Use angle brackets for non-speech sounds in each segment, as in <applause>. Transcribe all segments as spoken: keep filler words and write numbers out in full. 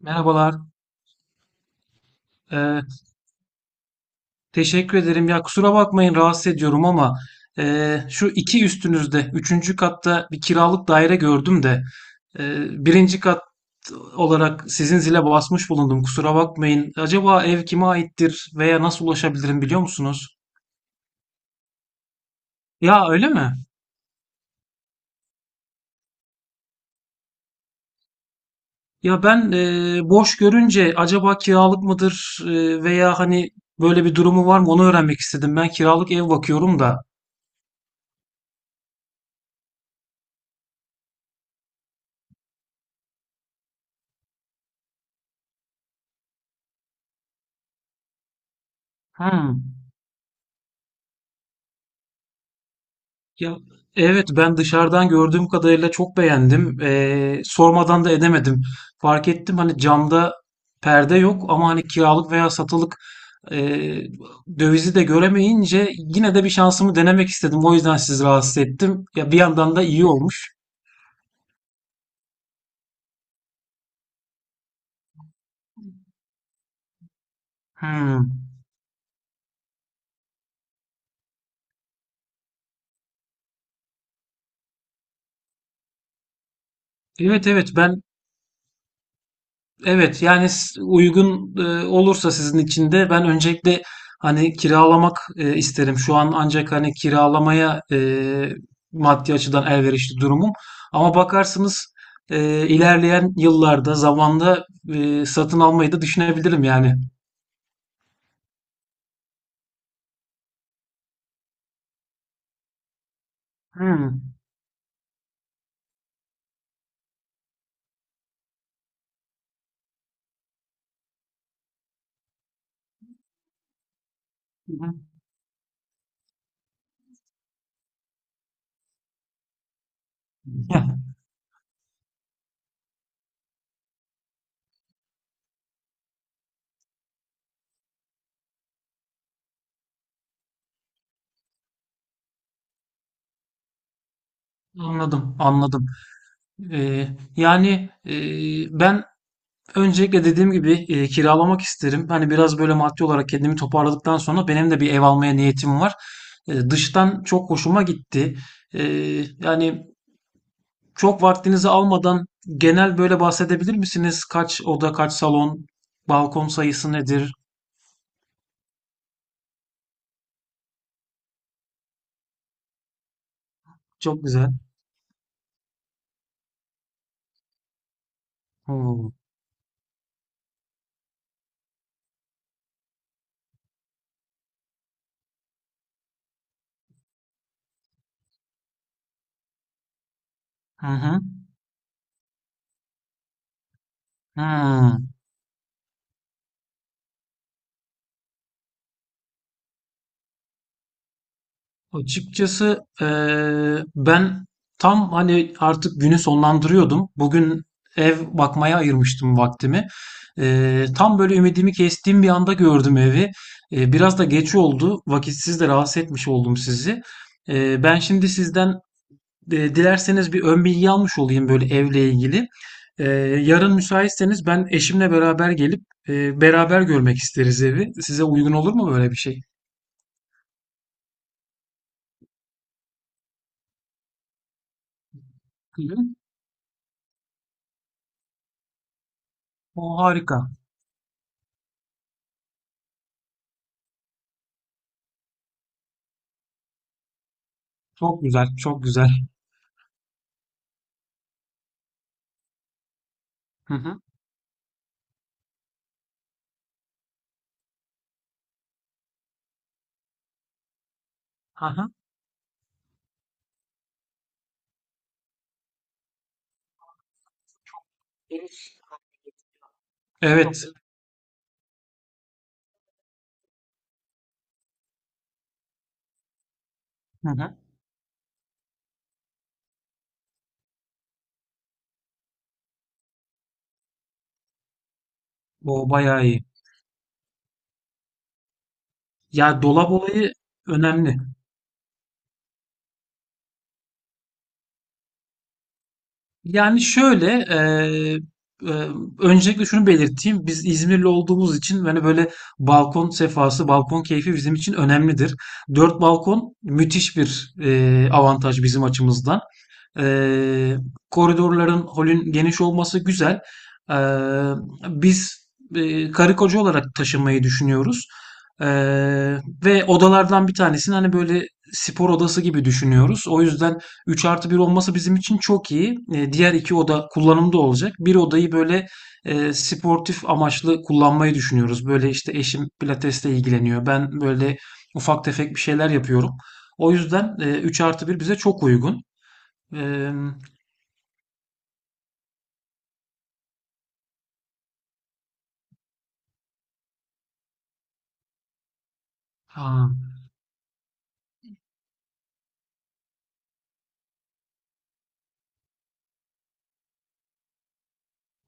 Merhabalar. Ee, Teşekkür ederim. Ya kusura bakmayın rahatsız ediyorum ama e, şu iki üstünüzde, üçüncü katta bir kiralık daire gördüm de e, birinci kat olarak sizin zile basmış bulundum. Kusura bakmayın. Acaba ev kime aittir veya nasıl ulaşabilirim biliyor musunuz? Ya öyle mi? Ya ben e, boş görünce acaba kiralık mıdır, e, veya hani böyle bir durumu var mı onu öğrenmek istedim. Ben kiralık ev bakıyorum da. Hmm. Ya evet, ben dışarıdan gördüğüm kadarıyla çok beğendim. Ee, sormadan da edemedim. Fark ettim hani camda perde yok ama hani kiralık veya satılık ee, dövizi de göremeyince yine de bir şansımı denemek istedim. O yüzden sizi rahatsız ettim. Ya bir yandan da iyi olmuş. Hmm. Evet evet ben Evet yani s- uygun e, olursa sizin için de ben öncelikle hani kiralamak e, isterim. Şu an ancak hani kiralamaya e, maddi açıdan elverişli durumum. Ama bakarsınız e, ilerleyen yıllarda zamanda e, satın almayı da düşünebilirim yani. Hmm. <laughs> Anladım, anladım. E, Yani, e, ben öncelikle dediğim gibi, eee, kiralamak isterim. Hani biraz böyle maddi olarak kendimi toparladıktan sonra benim de bir ev almaya niyetim var. Eee, dıştan çok hoşuma gitti. Eee, yani çok vaktinizi almadan genel böyle bahsedebilir misiniz? Kaç oda, kaç salon, balkon sayısı nedir? Çok güzel. Oo. Hı hı. Hı. Açıkçası, eee, ben tam hani artık günü sonlandırıyordum. Bugün ev bakmaya ayırmıştım vaktimi. Eee, tam böyle ümidimi kestiğim bir anda gördüm evi. Eee, biraz da geç oldu. Vakitsiz de rahatsız etmiş oldum sizi. Eee, ben şimdi sizden, eee, dilerseniz bir ön bilgi almış olayım böyle evle ilgili. Eee, Yarın müsaitseniz ben eşimle beraber gelip, eee, beraber görmek isteriz evi. Size uygun olur mu böyle bir şey? Hı hı. O harika. Çok güzel, çok güzel. Hı hı. Aha. Evet. iyi. Hı hı. O bayağı iyi. Ya dolap olayı önemli. Yani şöyle, eee, eee, öncelikle şunu belirteyim. Biz İzmirli olduğumuz için hani böyle balkon sefası, balkon keyfi bizim için önemlidir. Dört balkon müthiş bir eee, avantaj bizim açımızdan. Ee, Koridorların, holün geniş olması güzel. Ee, Biz e, karı koca olarak taşınmayı düşünüyoruz. Ee, Ve odalardan bir tanesini hani böyle spor odası gibi düşünüyoruz. O yüzden üç artı bir olması bizim için çok iyi. Ee, diğer iki oda kullanımda olacak. Bir odayı böyle e, sportif amaçlı kullanmayı düşünüyoruz. Böyle işte eşim pilatesle ilgileniyor. Ben böyle ufak tefek bir şeyler yapıyorum. O yüzden e, üç artı bir bize çok uygun. Eee, ha,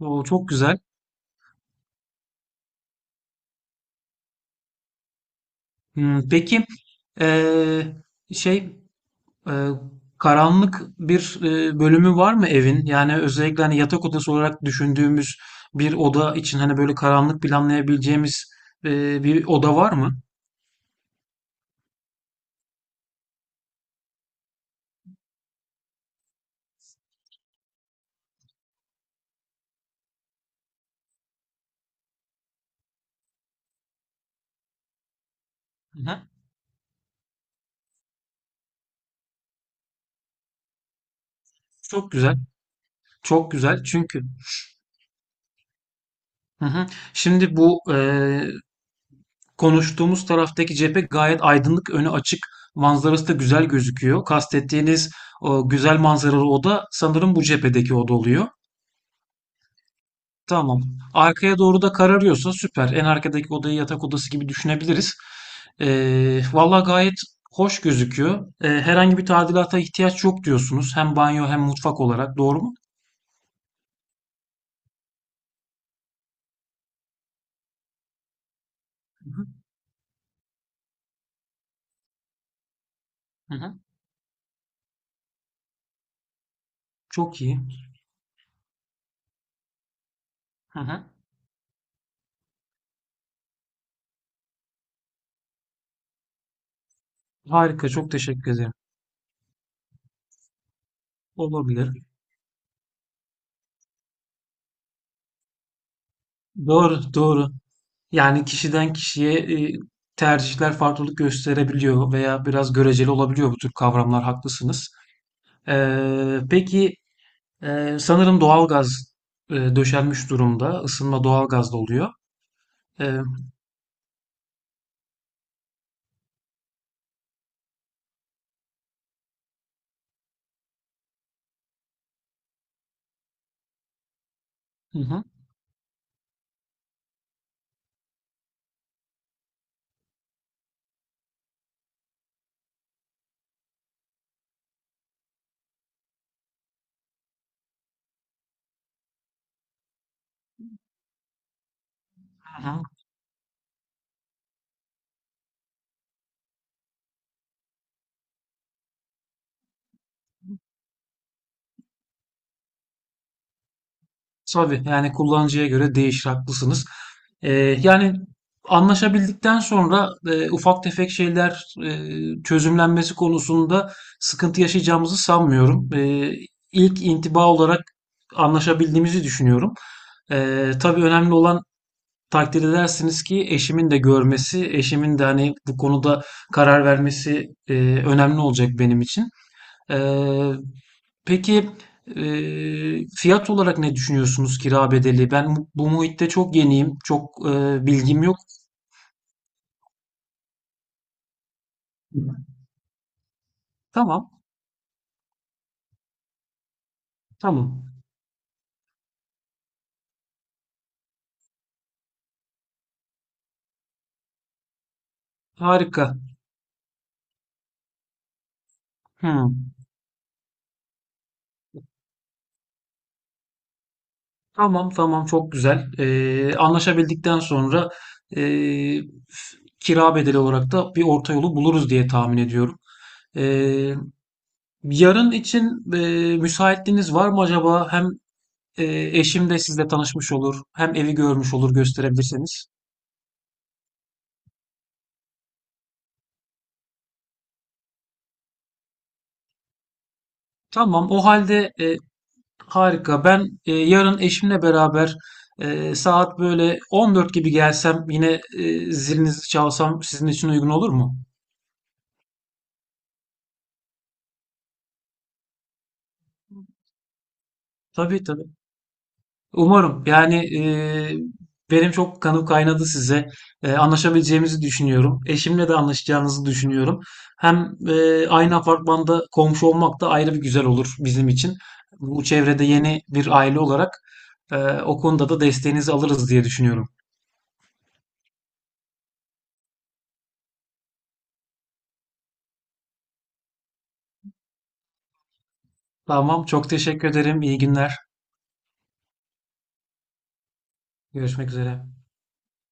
o çok güzel. Hmm, peki eee, şey eee, karanlık bir eee, bölümü var mı evin? Yani özellikle hani yatak odası olarak düşündüğümüz bir oda için hani böyle karanlık planlayabileceğimiz, eee, bir oda var mı? Hı hı. Çok güzel. Çok güzel. Çünkü hı hı. Şimdi bu Konuştuğumuz taraftaki cephe gayet aydınlık, önü açık, manzarası da güzel gözüküyor. Kastettiğiniz o güzel manzaralı oda sanırım bu cephedeki oda oluyor. Tamam. Arkaya doğru da kararıyorsa süper. En arkadaki odayı yatak odası gibi düşünebiliriz. Ee, valla gayet hoş gözüküyor. Ee, herhangi bir tadilata ihtiyaç yok diyorsunuz. Hem banyo hem mutfak olarak. Doğru mu? Hı hı. Hı hı. Çok iyi. Hı hı. Harika. Çok teşekkür ederim. Olabilir. Doğru, doğru. Yani kişiden kişiye e, tercihler farklılık gösterebiliyor veya biraz göreceli olabiliyor bu tür kavramlar, haklısınız. Ee, peki, e, sanırım doğalgaz e, döşenmiş durumda. Isınma doğalgazda oluyor. Ee, hı hı. Tabii, yani kullanıcıya göre değişir, haklısınız. Ee, Yani anlaşabildikten sonra, e, ufak tefek şeyler e, çözümlenmesi konusunda sıkıntı yaşayacağımızı sanmıyorum. Ee, ilk intiba olarak anlaşabildiğimizi düşünüyorum. Ee, tabii önemli olan, takdir edersiniz ki eşimin de görmesi, eşimin de hani bu konuda karar vermesi e, önemli olacak benim için. Ee, Peki eee, fiyat olarak ne düşünüyorsunuz kira bedeli? Ben bu bu muhitte çok yeniyim. Çok eee, bilgim yok. Tamam, tamam. Harika. Hmm. Tamam, tamam. Çok güzel. Eee, anlaşabildikten sonra, eee, f- kira bedeli olarak da bir orta yolu buluruz diye tahmin ediyorum. Eee, Yarın için, eee, müsaitliğiniz var mı acaba? Hem eee, eşim de sizle tanışmış olur, hem evi görmüş olur gösterebilirseniz. Tamam, o halde, e, Harika. Ben, e, yarın eşimle beraber, e, saat böyle on dört gibi gelsem yine, e, zilinizi çalsam sizin için uygun olur mu? Tabii tabii. Umarım. Yani, e, benim çok kanım kaynadı size. E, anlaşabileceğimizi düşünüyorum. Eşimle de anlaşacağınızı düşünüyorum. Hem e, aynı apartmanda komşu olmak da ayrı bir güzel olur bizim için. Bu çevrede yeni bir aile olarak, e, o konuda da desteğinizi alırız diye düşünüyorum. Tamam. Çok teşekkür ederim. İyi günler. Görüşmek üzere.